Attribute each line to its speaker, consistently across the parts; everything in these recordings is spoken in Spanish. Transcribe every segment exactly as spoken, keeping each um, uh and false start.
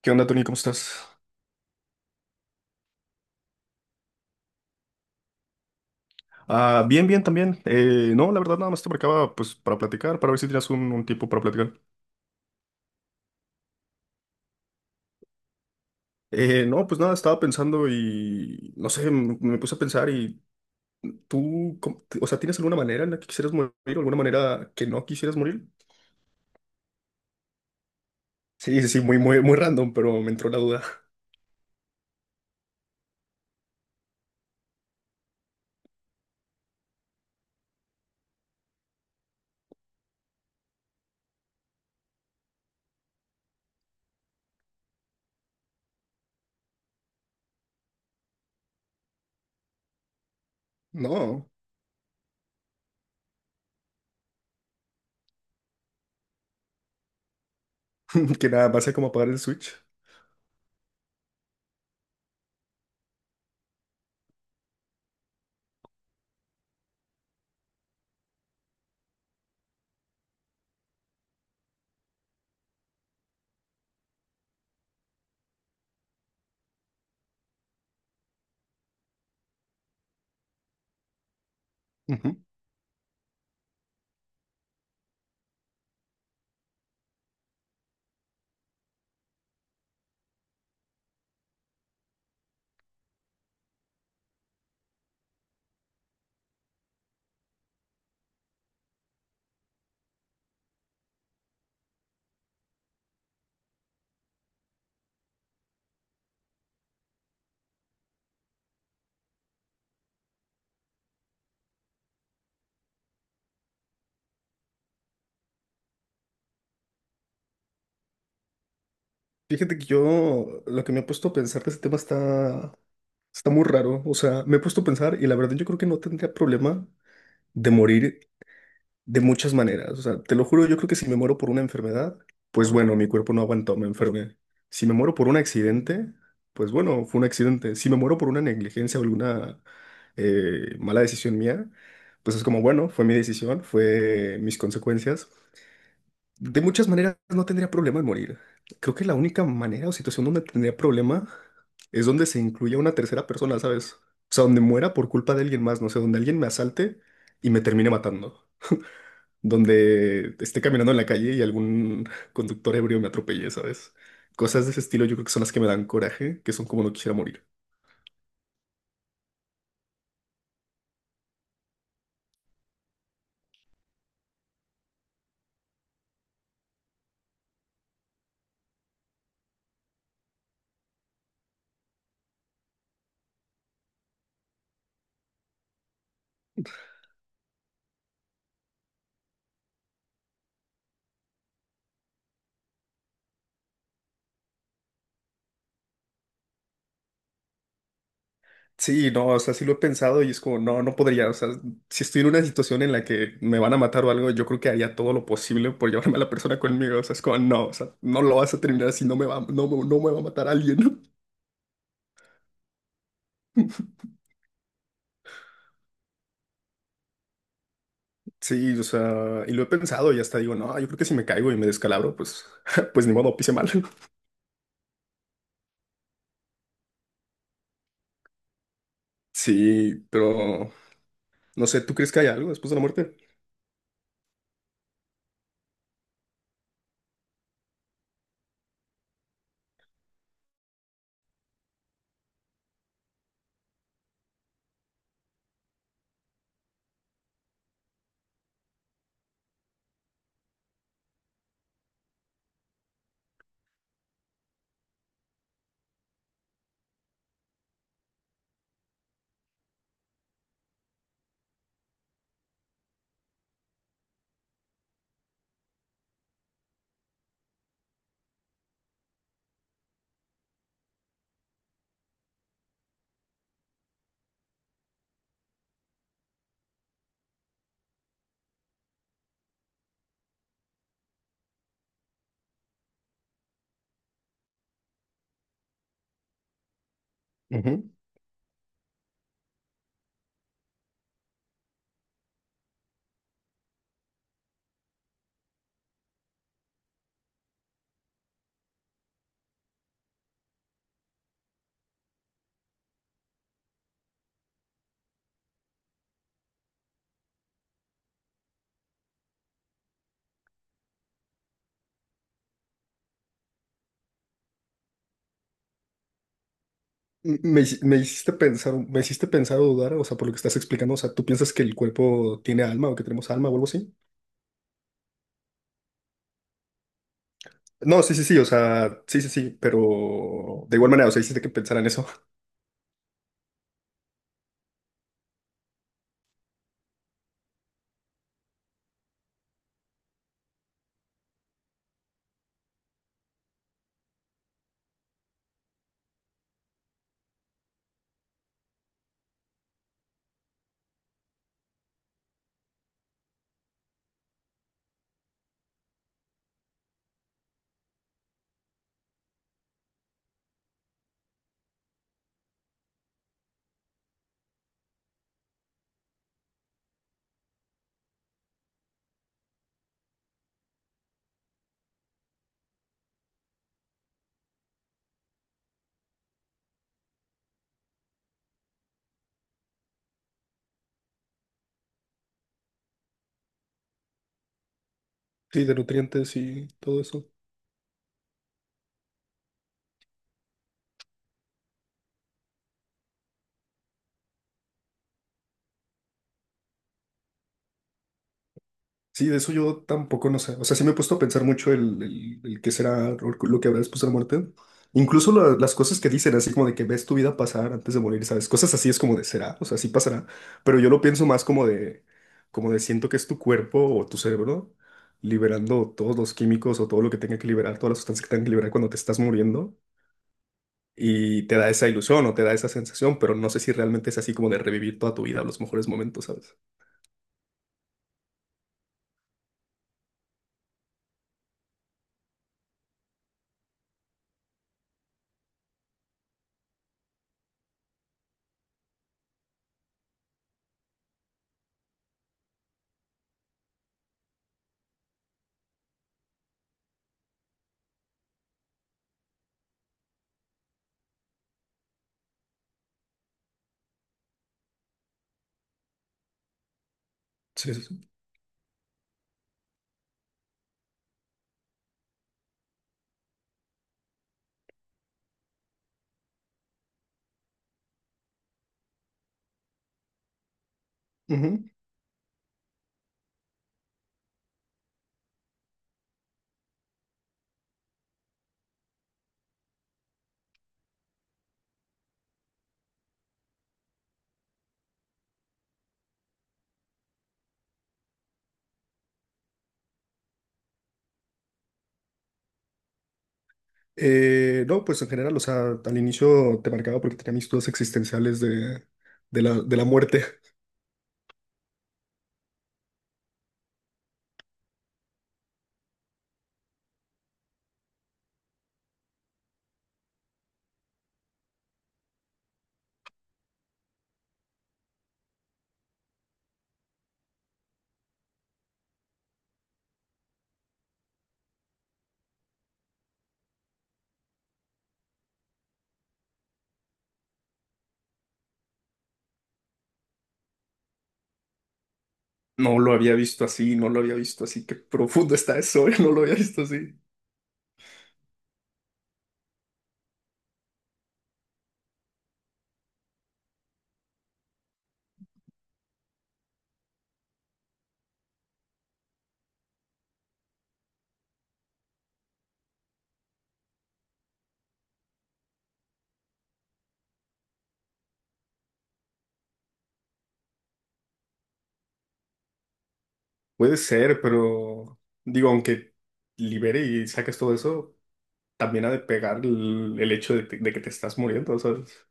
Speaker 1: ¿Qué onda, Tony? ¿Cómo estás? Ah, bien, bien también. Eh, no, la verdad nada más te marcaba pues para platicar, para ver si tenías un, un tiempo para platicar. Eh, no, pues nada, estaba pensando y no sé, m- me puse a pensar y tú, cómo- o sea, ¿tienes alguna manera en la que quisieras morir alguna manera que no quisieras morir? Sí, sí, sí, muy, muy, muy random, pero me entró la duda. No, que nada, va a ser como apagar el Switch. Ujú. Fíjate que yo lo que me he puesto a pensar de ese tema está, está muy raro. O sea, me he puesto a pensar y la verdad yo creo que no tendría problema de morir de muchas maneras. O sea, te lo juro, yo creo que si me muero por una enfermedad, pues bueno, mi cuerpo no aguantó, me enfermé. Si me muero por un accidente, pues bueno, fue un accidente. Si me muero por una negligencia o alguna eh, mala decisión mía, pues es como, bueno, fue mi decisión, fue mis consecuencias. De muchas maneras no tendría problema en morir. Creo que la única manera o situación donde tendría problema es donde se incluya una tercera persona, ¿sabes? O sea, donde muera por culpa de alguien más, no sé, donde alguien me asalte y me termine matando donde esté caminando en la calle y algún conductor ebrio me atropelle, ¿sabes? Cosas de ese estilo yo creo que son las que me dan coraje, que son como no quisiera morir. Sí, no, o sea, sí lo he pensado y es como, no, no podría, o sea, si estoy en una situación en la que me van a matar o algo, yo creo que haría todo lo posible por llevarme a la persona conmigo, o sea, es como, no, o sea, no lo vas a terminar si no me va, no, me- no me va a matar alguien. Sí, o sea, y lo he pensado y hasta digo, no, yo creo que si me caigo y me descalabro, pues, pues ni modo, pise mal. Sí, pero no sé, ¿tú crees que hay algo después de la muerte? Ujú. M- Me, hici- me hiciste pensar, me hiciste pensar o dudar, o sea, por lo que estás explicando, o sea, ¿tú piensas que el cuerpo tiene alma o que tenemos alma o algo así? No, sí, sí, sí, o sea, sí, sí, sí, pero de igual manera, o sea, hiciste que pensar en eso. Sí, de nutrientes y todo eso. Sí, de eso yo tampoco no sé. O sea, sí me he puesto a pensar mucho el, el, el qué será o lo que habrá después de la muerte. Incluso la- las cosas que dicen, así como de que ves tu vida pasar antes de morir, ¿sabes? Cosas así es como de será, o sea, sí pasará. Pero yo lo pienso más como de, como de siento que es tu cuerpo o tu cerebro liberando todos los químicos o todo lo que tenga que liberar, todas las sustancias que tenga que liberar cuando te estás muriendo. Y te da esa ilusión o te da esa sensación, pero no sé si realmente es así como de revivir toda tu vida, los mejores momentos, ¿sabes? Sí, sí, sí. Eh, no, pues en general, o sea, al inicio te marcaba porque tenía mis dudas existenciales de, de la, de la muerte. No lo había visto así, no lo había visto así. Qué profundo está eso, no lo había visto así. Puede ser, pero digo, aunque libere y saques todo eso, también ha de pegar el, el hecho de, te- de que te estás muriendo, ¿sabes?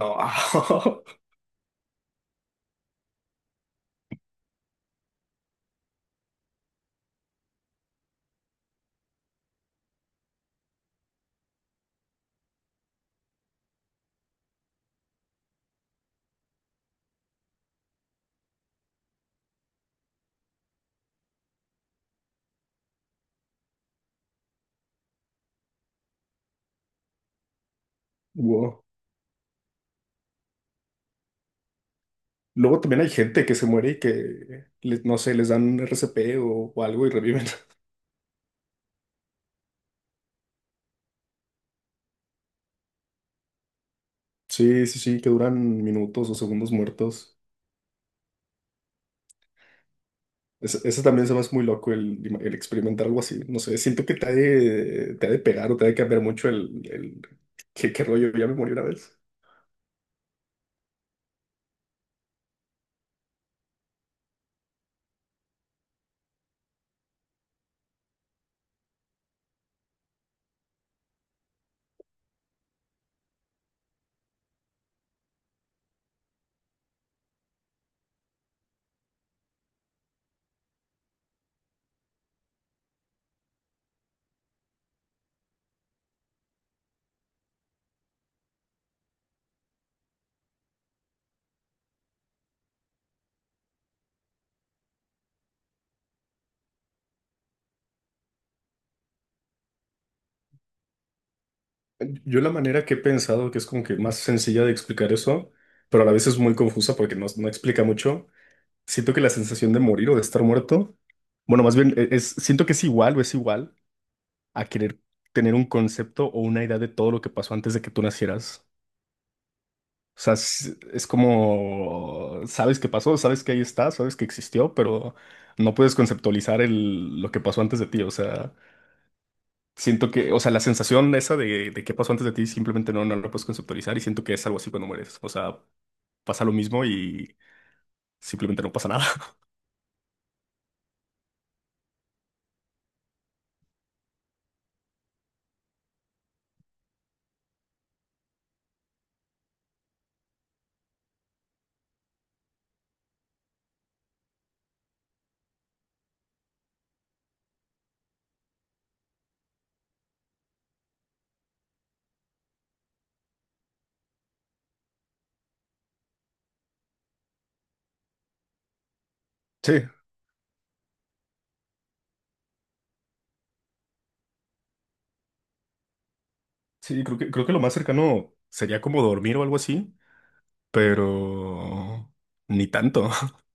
Speaker 1: No. Wow. Luego también hay gente que se muere y que, les- no sé, les dan R C P o o algo y reviven. Sí, sí, sí, que duran minutos o segundos muertos. Eso, eso también se me hace muy loco el, el experimentar algo así. No sé, siento que te ha de, te ha de pegar o te ha de cambiar mucho el, el qué, qué rollo. Ya me morí una vez. Yo la manera que he pensado que es como que más sencilla de explicar eso, pero a la vez es muy confusa porque no, no explica mucho. Siento que la sensación de morir o de estar muerto, bueno, más bien e- es, siento que es igual o es igual a querer tener un concepto o una idea de todo lo que pasó antes de que tú nacieras. O sea, es, es como, sabes qué pasó, sabes que ahí está, sabes que existió, pero no puedes conceptualizar el, lo que pasó antes de ti. O sea, siento que, o sea, la sensación esa de, de qué pasó antes de ti simplemente no, no la puedes conceptualizar y siento que es algo así cuando mueres. O sea, pasa lo mismo y simplemente no pasa nada. Sí, sí, creo que, creo que lo más cercano sería como dormir o algo así, pero ni tanto.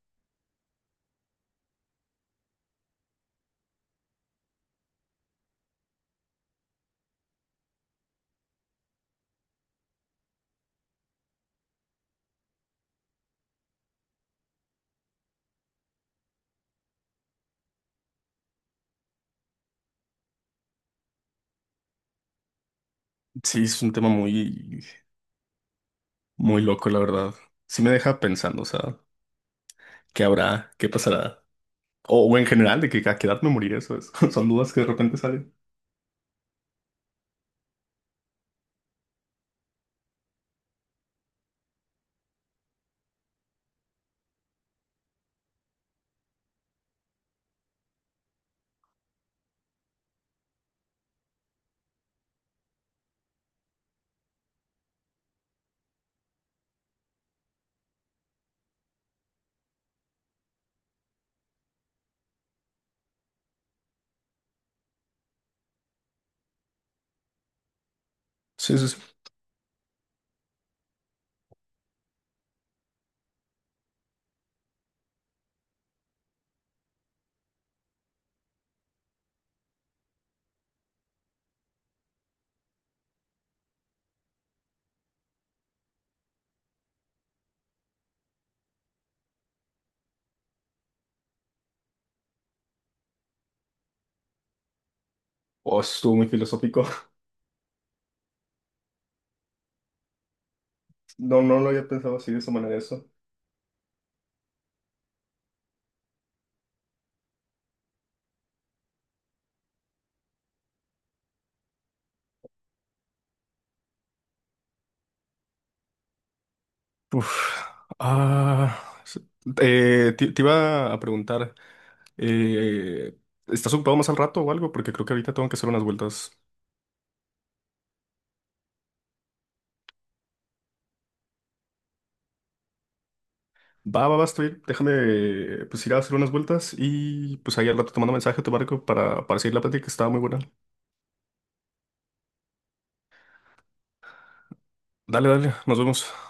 Speaker 1: Sí, es un tema muy, muy loco, la verdad. Sí me deja pensando, o sea. ¿Qué habrá? ¿Qué pasará? O, o en general, de que a qué edad me moriré, eso es. Son dudas que de repente salen. Sí, sí, sí. Oh, estuvo muy filosófico. No, no lo había pensado así de esa manera eso. Uf. Ah, sí. Eh, te, te iba a preguntar, eh, ¿estás ocupado más al rato o algo? Porque creo que ahorita tengo que hacer unas vueltas. Va, va, va, estoy. Déjame pues ir a hacer unas vueltas y pues ahí al rato te mando mensaje, a tu barco para, para seguir la plática que estaba muy buena. Dale, dale, nos vemos.